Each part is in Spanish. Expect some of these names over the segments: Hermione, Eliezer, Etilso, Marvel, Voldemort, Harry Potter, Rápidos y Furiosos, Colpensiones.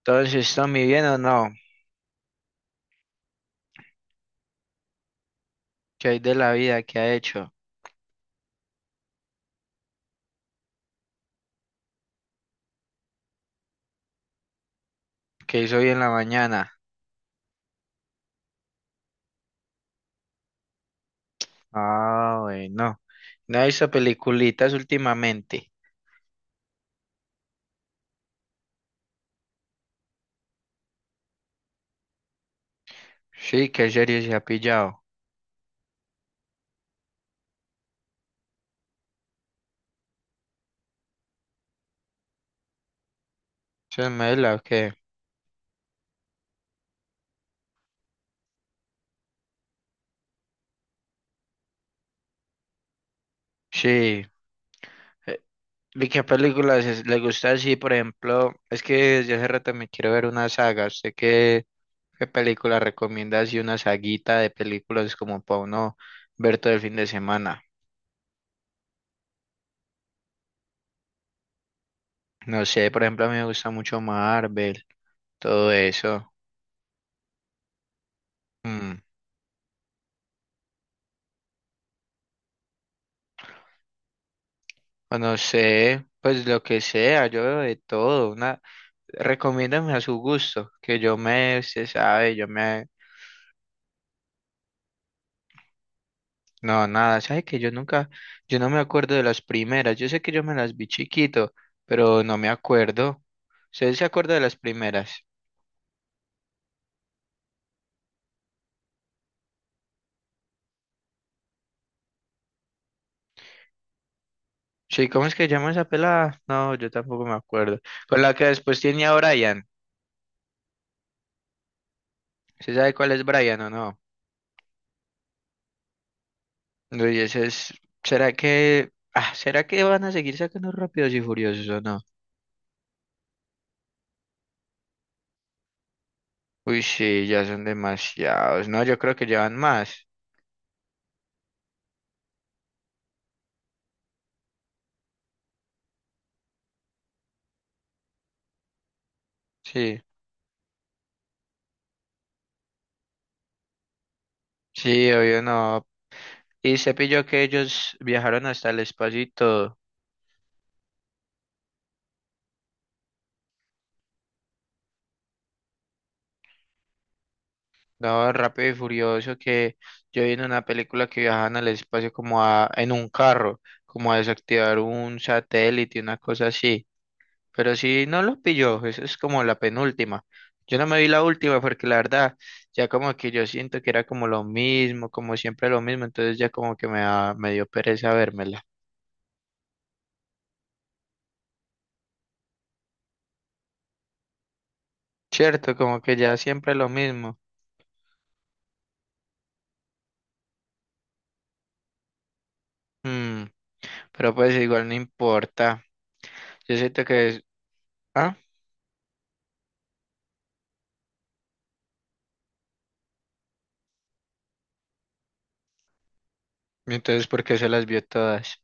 Entonces, ¿Tommy bien o no? ¿Qué hay de la vida? ¿Qué ha hecho? ¿Qué hizo hoy en la mañana? Ah, bueno. ¿No ha visto peliculitas últimamente? Sí, ¿qué serie se ha pillado? ¿Se mela o qué? Sí. eh, ¿Y qué películas le gusta así, por ejemplo? Es que desde hace rato me quiero ver una saga. ¿Usted qué, qué película recomienda así, una saguita de películas como para uno ver todo el fin de semana? No sé, por ejemplo, a mí me gusta mucho Marvel, todo eso. Mm. O no sé, pues lo que sea, yo veo de todo. Una... recomiéndame a su gusto, que yo me, se sabe, yo me... No, nada, sabe que yo nunca, yo no me acuerdo de las primeras. Yo sé que yo me las vi chiquito, pero no me acuerdo. ¿Usted se acuerda de las primeras? Sí, ¿cómo es que llama esa pelada? No, yo tampoco me acuerdo. Con la que después tiene a Brian. ¿Usted sabe cuál es Brian o no? No, y ese es, ¿será que van a seguir sacando Rápidos y Furiosos o no? Uy, sí, ya son demasiados. No, yo creo que llevan más. Sí, sí, obvio no. Y se pilló que ellos viajaron hasta el espacio y todo. No, Rápido y Furioso, que yo vi en una película que viajaban al espacio en un carro, como a desactivar un satélite, una cosa así. Pero si no los pilló, eso es como la penúltima. Yo no me vi la última porque la verdad, ya como que yo siento que era como lo mismo, como siempre lo mismo, entonces ya como que me dio pereza vérmela. Cierto, como que ya siempre lo mismo. Mm, pero pues igual no importa. Yo siento que es... Ah, entonces, ¿por qué se las vio todas?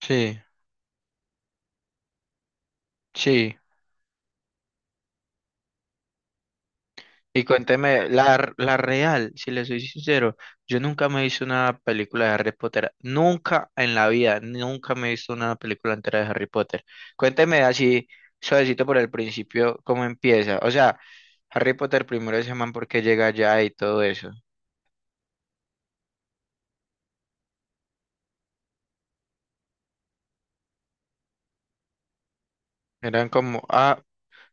Sí, sí. Y cuénteme, la real, si le soy sincero, yo nunca me he visto una película de Harry Potter, nunca en la vida, nunca me he visto una película entera de Harry Potter. Cuénteme así, suavecito por el principio, cómo empieza. O sea, Harry Potter primero se llaman porque llega allá y todo eso. Eran como, ah,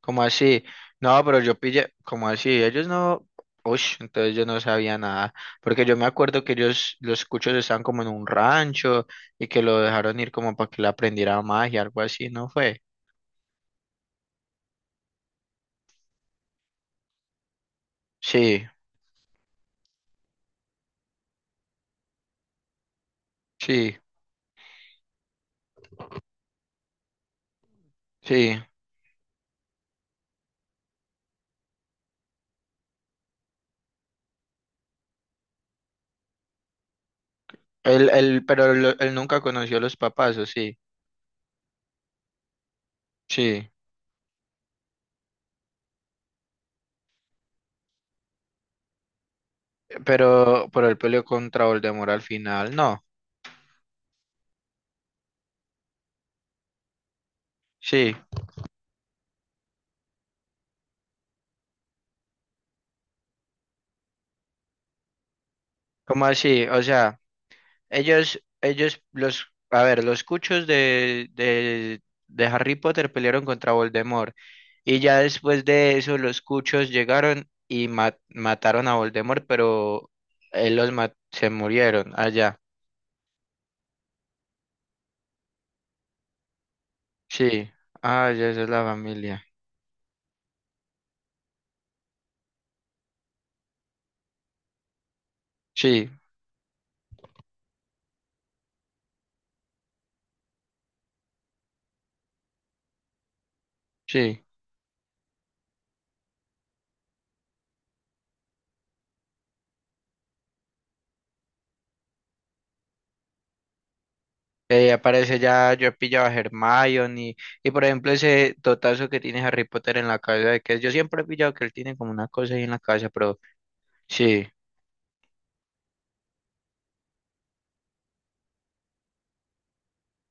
¿cómo así? No, pero yo pillé, ¿cómo así? Ellos no, uy, entonces yo no sabía nada, porque yo me acuerdo que ellos, los cuchos estaban como en un rancho y que lo dejaron ir como para que le aprendiera magia, algo así, ¿no fue? Sí, sí, sí. Pero él nunca conoció a los papás, ¿o sí? Sí, pero él peleó contra Voldemort al final, no, sí, ¿cómo así? O sea... a ver, los cuchos de Harry Potter pelearon contra Voldemort. Y ya después de eso, los cuchos llegaron y mataron a Voldemort, pero se murieron allá. Sí. Ah, ya esa es la familia. Sí, sí. Aparece ya, yo pillaba a Hermione, y por ejemplo ese totazo que tiene Harry Potter en la cabeza, de que yo siempre he pillado que él tiene como una cosa ahí en la cabeza, pero sí,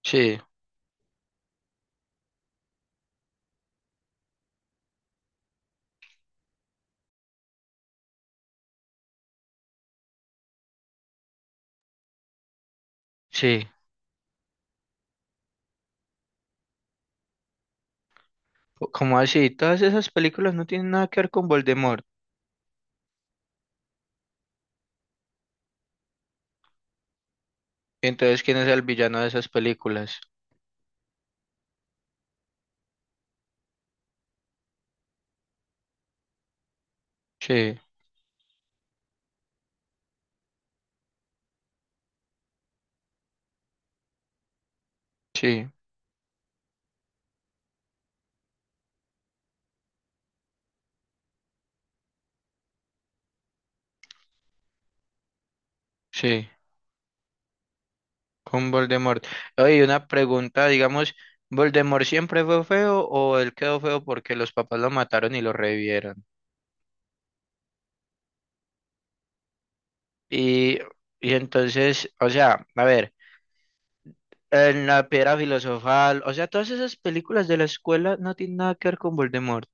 sí, sí. ¿Cómo así? Todas esas películas no tienen nada que ver con Voldemort. Entonces, ¿quién es el villano de esas películas? Sí, sí, sí, con Voldemort. Oye, una pregunta, digamos, ¿Voldemort siempre fue feo o él quedó feo porque los papás lo mataron y lo revivieron? Y, y entonces, o sea, a ver, en la piedra filosofal, o sea, todas esas películas de la escuela no tienen nada que ver con Voldemort.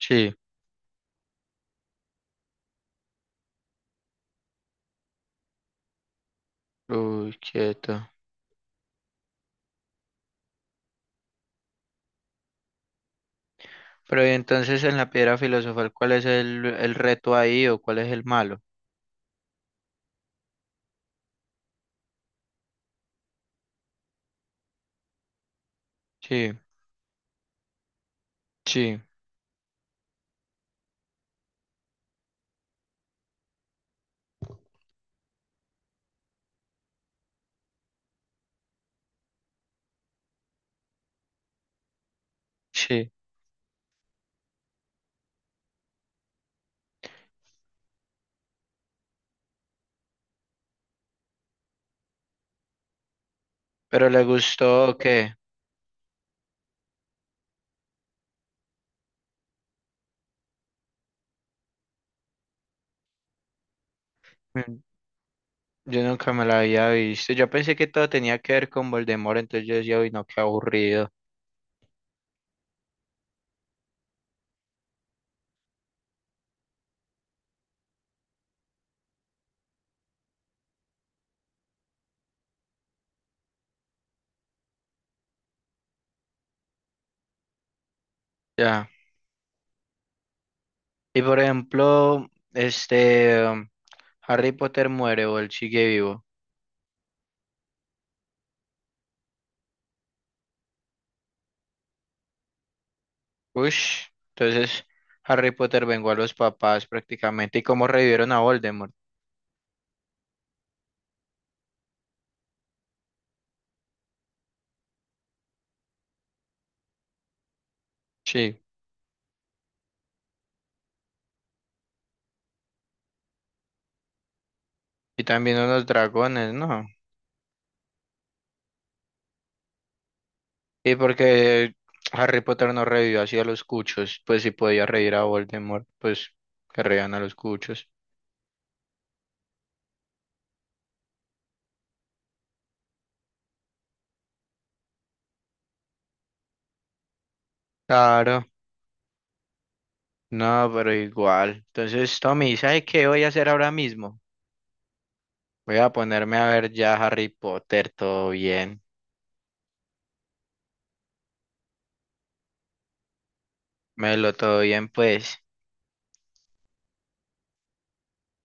Sí. Uy, quieto. Pero y entonces en la piedra filosofal, ¿cuál es el reto ahí o cuál es el malo? Sí, sí, sí. ¿Pero le gustó o qué? Mm. Yo nunca me la había visto. Yo pensé que todo tenía que ver con Voldemort, entonces yo decía, uy, no, qué aburrido. Ya. Y por ejemplo, este, um, Harry Potter muere o él sigue vivo. Ush. Entonces, Harry Potter vengó a los papás prácticamente. ¿Y cómo revivieron a Voldemort? Sí. Y también unos dragones, ¿no? Y porque Harry Potter no revivió así a los cuchos, pues si podía reír a Voldemort, pues que reían a los cuchos. Claro, no, pero igual. Entonces, Tommy, ¿sabes qué voy a hacer ahora mismo? Voy a ponerme a ver ya Harry Potter, todo bien. Melo, todo bien, pues.